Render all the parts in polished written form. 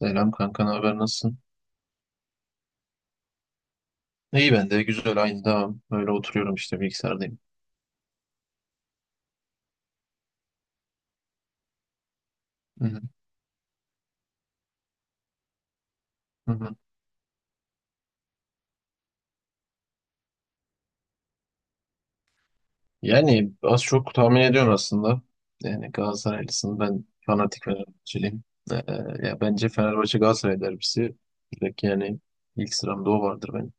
Selam kanka, ne haber, nasılsın? İyi ben de güzel, aynı devam. Öyle oturuyorum işte, bilgisayardayım. Hı hı, hı hı. Yani az çok tahmin ediyorsun aslında. Yani Galatasaraylısın, ben fanatik Fenerbahçeliyim. Ee, Ya bence Fenerbahçe Galatasaray derbisi direkt yani ilk sıramda o vardır benim.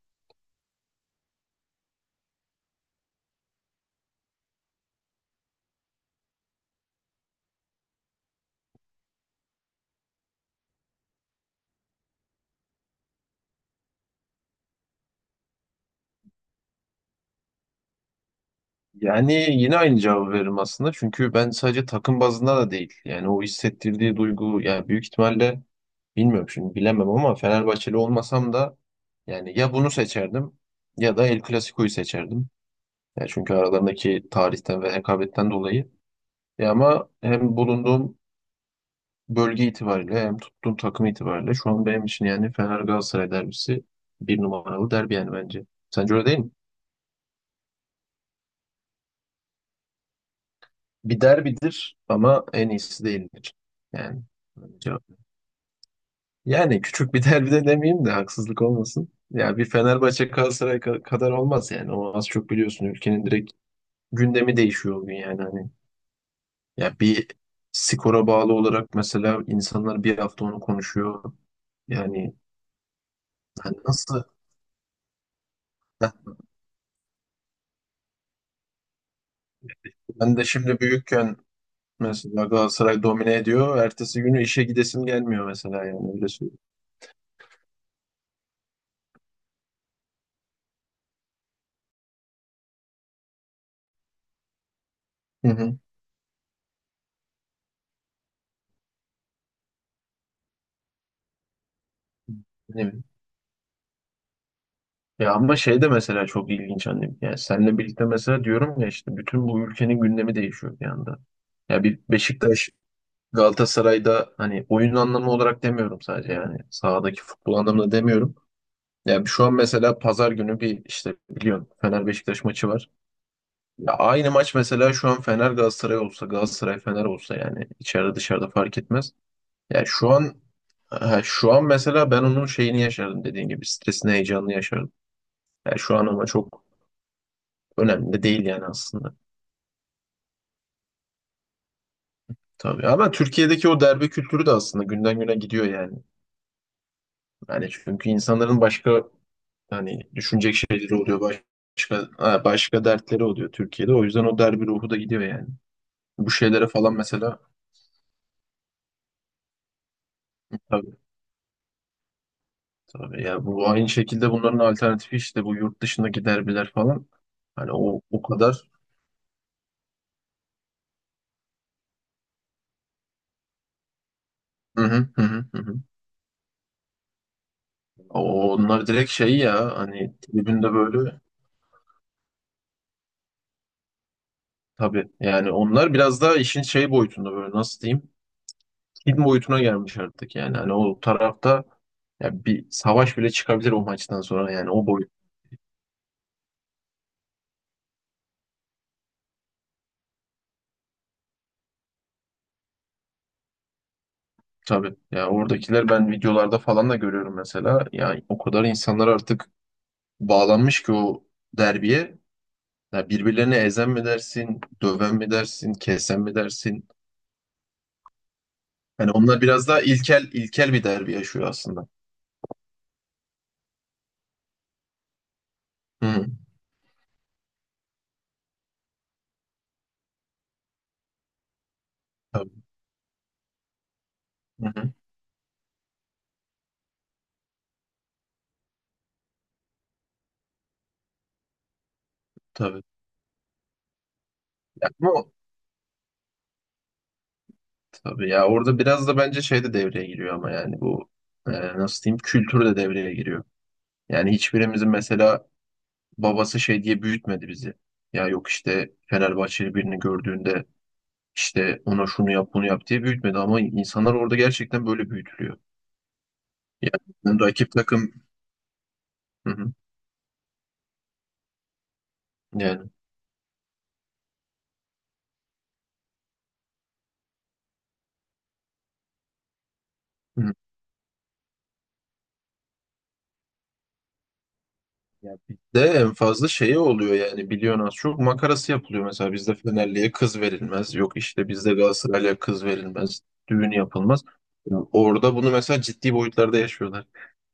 Yani yine aynı cevabı veririm aslında. Çünkü ben sadece takım bazında da değil. Yani o hissettirdiği duygu, yani büyük ihtimalle. Bilmiyorum, şimdi bilemem ama Fenerbahçeli olmasam da yani ya bunu seçerdim ya da El Clasico'yu seçerdim. Ya çünkü aralarındaki tarihten ve hekabetten dolayı. Ya ama hem bulunduğum bölge itibariyle hem tuttuğum takım itibariyle şu an benim için yani Fener Galatasaray derbisi bir numaralı derbi yani bence. Sence öyle değil mi? Bir derbidir ama en iyisi değildir. Yani bence, yani küçük bir derbi de demeyeyim de haksızlık olmasın. Ya bir Fenerbahçe Galatasaray kadar olmaz yani. O az çok biliyorsun, ülkenin direkt gündemi değişiyor o gün yani hani. Ya bir skora bağlı olarak mesela insanlar bir hafta onu konuşuyor. Yani hani nasıl? Heh, Ben de şimdi büyükken mesela Galatasaray domine ediyor. Ertesi günü işe gidesim gelmiyor mesela, yani öyle söyleyeyim. Hı hı. Ya ama şey de mesela çok ilginç annem. Yani seninle birlikte mesela diyorum ya, işte bütün bu ülkenin gündemi değişiyor bir anda. Ya bir Beşiktaş, Galatasaray'da hani oyun anlamı olarak demiyorum, sadece yani sahadaki futbol anlamında demiyorum. Ya şu an mesela pazar günü bir işte biliyorsun Fener Beşiktaş maçı var. Ya aynı maç mesela şu an Fener Galatasaray olsa, Galatasaray Fener olsa, yani içeride dışarıda fark etmez. Ya şu an mesela ben onun şeyini yaşardım, dediğin gibi stresini, heyecanını yaşardım. Ya şu an ama çok önemli de değil yani aslında. Tabii ama Türkiye'deki o derbe kültürü de aslında günden güne gidiyor yani. Yani çünkü insanların başka hani düşünecek şeyleri oluyor, başka dertleri oluyor Türkiye'de. O yüzden o derbi ruhu da gidiyor yani. Bu şeylere falan mesela tabii tabii, ya bu aynı şekilde bunların alternatifi işte bu yurt dışındaki derbiler falan. Hani o kadar. Hı hı hı hı. Hı hı. Onlar direkt şey, ya hani tribünde böyle. Tabii yani onlar biraz daha işin şey boyutunda, böyle nasıl diyeyim? Film boyutuna gelmiş artık yani. Hani o tarafta, ya bir savaş bile çıkabilir o maçtan sonra, yani o boyut. Tabii. Ya oradakiler, ben videolarda falan da görüyorum mesela. Yani o kadar insanlar artık bağlanmış ki o derbiye. Ya birbirlerine ezen mi dersin, döven mi dersin, kesen mi dersin? Yani onlar biraz daha ilkel ilkel bir derbi yaşıyor aslında. Hı hı. Tabii. Hı hı. Tabii. Ya, tabii ya, orada biraz da bence şey de devreye giriyor ama yani bu nasıl diyeyim, kültür de devreye giriyor. Yani hiçbirimizin mesela babası şey diye büyütmedi bizi. Ya yok işte Fenerbahçeli birini gördüğünde işte ona şunu yap bunu yap diye büyütmedi, ama insanlar orada gerçekten böyle büyütülüyor. Yani rakip takım. Hı hı. Yani. Ya bizde en fazla şey oluyor yani, biliyorsun az çok makarası yapılıyor. Mesela bizde Fenerli'ye kız verilmez. Yok işte bizde Galatasaray'a kız verilmez. Düğün yapılmaz. Ya orada bunu mesela ciddi boyutlarda yaşıyorlar.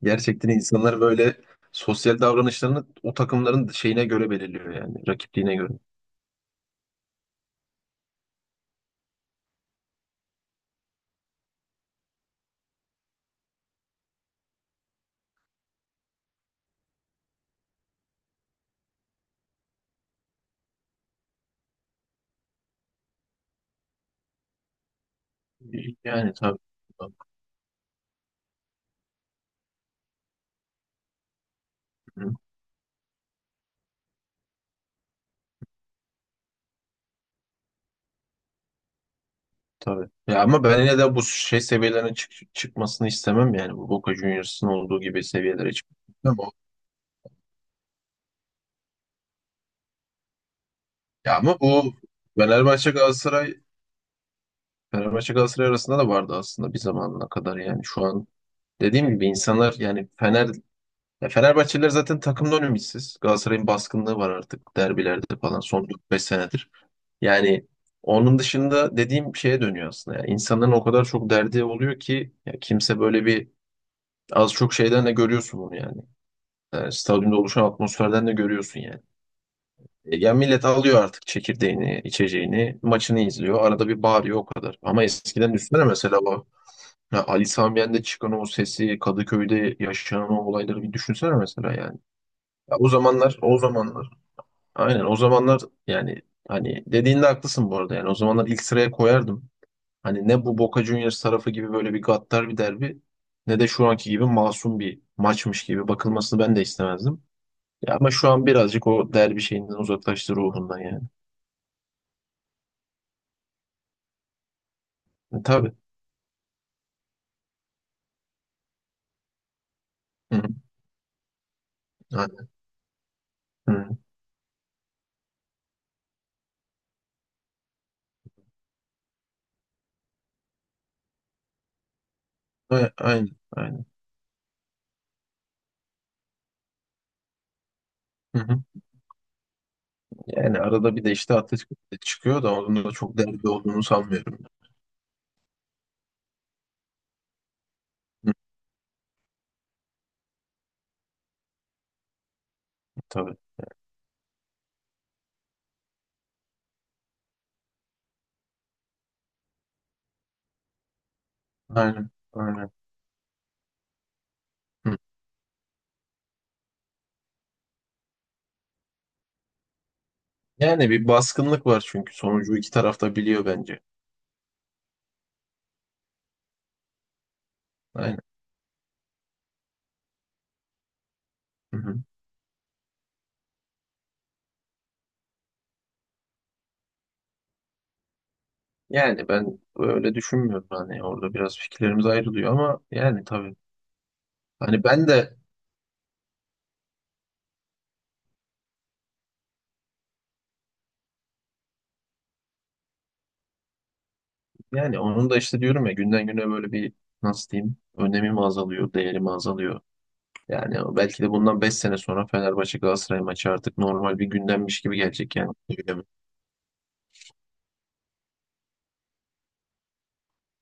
Gerçekten insanlar böyle sosyal davranışlarını o takımların şeyine göre belirliyor, yani rakipliğine göre. Yani tabii. Hı, tabii. Ya ama ben yine de bu şey seviyelerine çıkmasını istemem, yani bu Boca Juniors'ın olduğu gibi seviyelere çıkmasını istemem. Ya ama bu Fenerbahçe Galatasaray Fenerbahçe Galatasaray arasında da vardı aslında, bir zamanına kadar. Yani şu an dediğim gibi insanlar yani ya Fenerbahçeliler zaten takımdan ümitsiz. Galatasaray'ın baskınlığı var artık derbilerde falan son dört beş senedir. Yani onun dışında dediğim şeye dönüyor aslında. Yani insanların o kadar çok derdi oluyor ki, ya kimse böyle bir, az çok şeyden de görüyorsun bunu yani. Yani stadyumda oluşan atmosferden de görüyorsun yani. Yani millet alıyor artık çekirdeğini, içeceğini, maçını izliyor. Arada bir bağırıyor, o kadar. Ama eskiden düşünsene mesela. Ya Ali Sami Yen'de çıkan o sesi, Kadıköy'de yaşanan o olayları bir düşünsene mesela yani. Ya o zamanlar, o zamanlar. Aynen o zamanlar, yani hani dediğinde haklısın bu arada yani. O zamanlar ilk sıraya koyardım. Hani ne bu Boca Juniors tarafı gibi böyle bir gaddar bir derbi, ne de şu anki gibi masum bir maçmış gibi bakılmasını ben de istemezdim. Ya ama şu an birazcık o derbi şeyinden uzaklaştı, ruhundan yani. E, tabii. Hı hı. Aynen. Hı. Aynen. Aynen. Hı hı. Yani arada bir de işte Atletico de çıkıyor da, onun da çok derdi olduğunu sanmıyorum. Hı, tabii. Aynen. Aynen. Hı. Yani bir baskınlık var, çünkü sonucu iki taraf da biliyor bence. Aynen. Hı hı. Yani ben öyle düşünmüyorum, hani orada biraz fikirlerimiz ayrılıyor ama yani tabii. Hani ben de, yani onun da işte diyorum ya, günden güne böyle bir, nasıl diyeyim, önemi mi azalıyor, değeri mi azalıyor. Yani belki de bundan 5 sene sonra Fenerbahçe Galatasaray maçı artık normal bir gündemmiş gibi gelecek yani.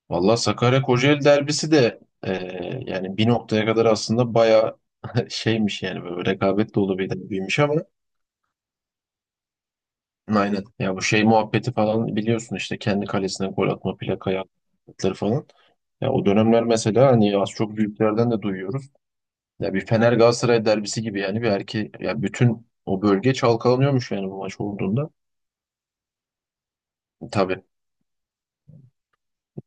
Valla Sakarya Kocaeli derbisi de yani bir noktaya kadar aslında bayağı şeymiş yani, böyle rekabet dolu bir derbiymiş, ama aynen ya, bu şey muhabbeti falan biliyorsun, işte kendi kalesine gol atma, plakaya atları falan. Ya o dönemler mesela, hani az çok büyüklerden de duyuyoruz. Ya bir Fener Galatasaray derbisi gibi, yani bir erki ya, bütün o bölge çalkalanıyormuş yani bu maç olduğunda. Tabii,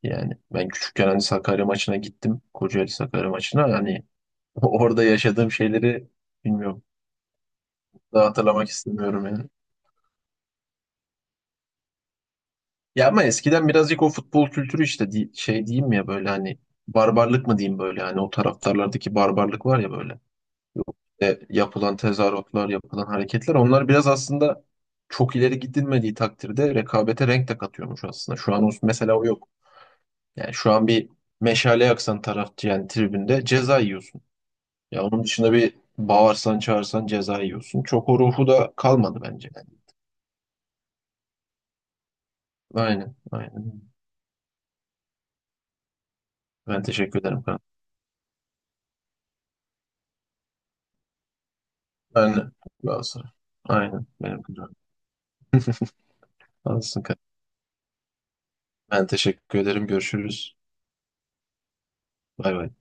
yani ben küçükken hani Sakarya maçına gittim. Kocaeli Sakarya maçına yani, orada yaşadığım şeyleri bilmiyorum. Daha hatırlamak istemiyorum yani. Ya ama eskiden birazcık o futbol kültürü işte şey diyeyim ya, böyle hani barbarlık mı diyeyim, böyle hani o taraftarlardaki barbarlık var ya, böyle. E, yapılan tezahüratlar, yapılan hareketler, onlar biraz aslında, çok ileri gidilmediği takdirde rekabete renk de katıyormuş aslında. Şu an o, mesela o yok. Yani şu an bir meşale yaksan tarafçı, yani tribünde ceza yiyorsun. Ya onun dışında bir bağırsan çağırsan ceza yiyorsun. Çok o ruhu da kalmadı bence. Yani. Aynen, aynen. Ben teşekkür ederim. Aynen. Galatasaray. Aynen. Benim kucağım. Alsın, kanka. Ben teşekkür ederim. Görüşürüz. Bay bay.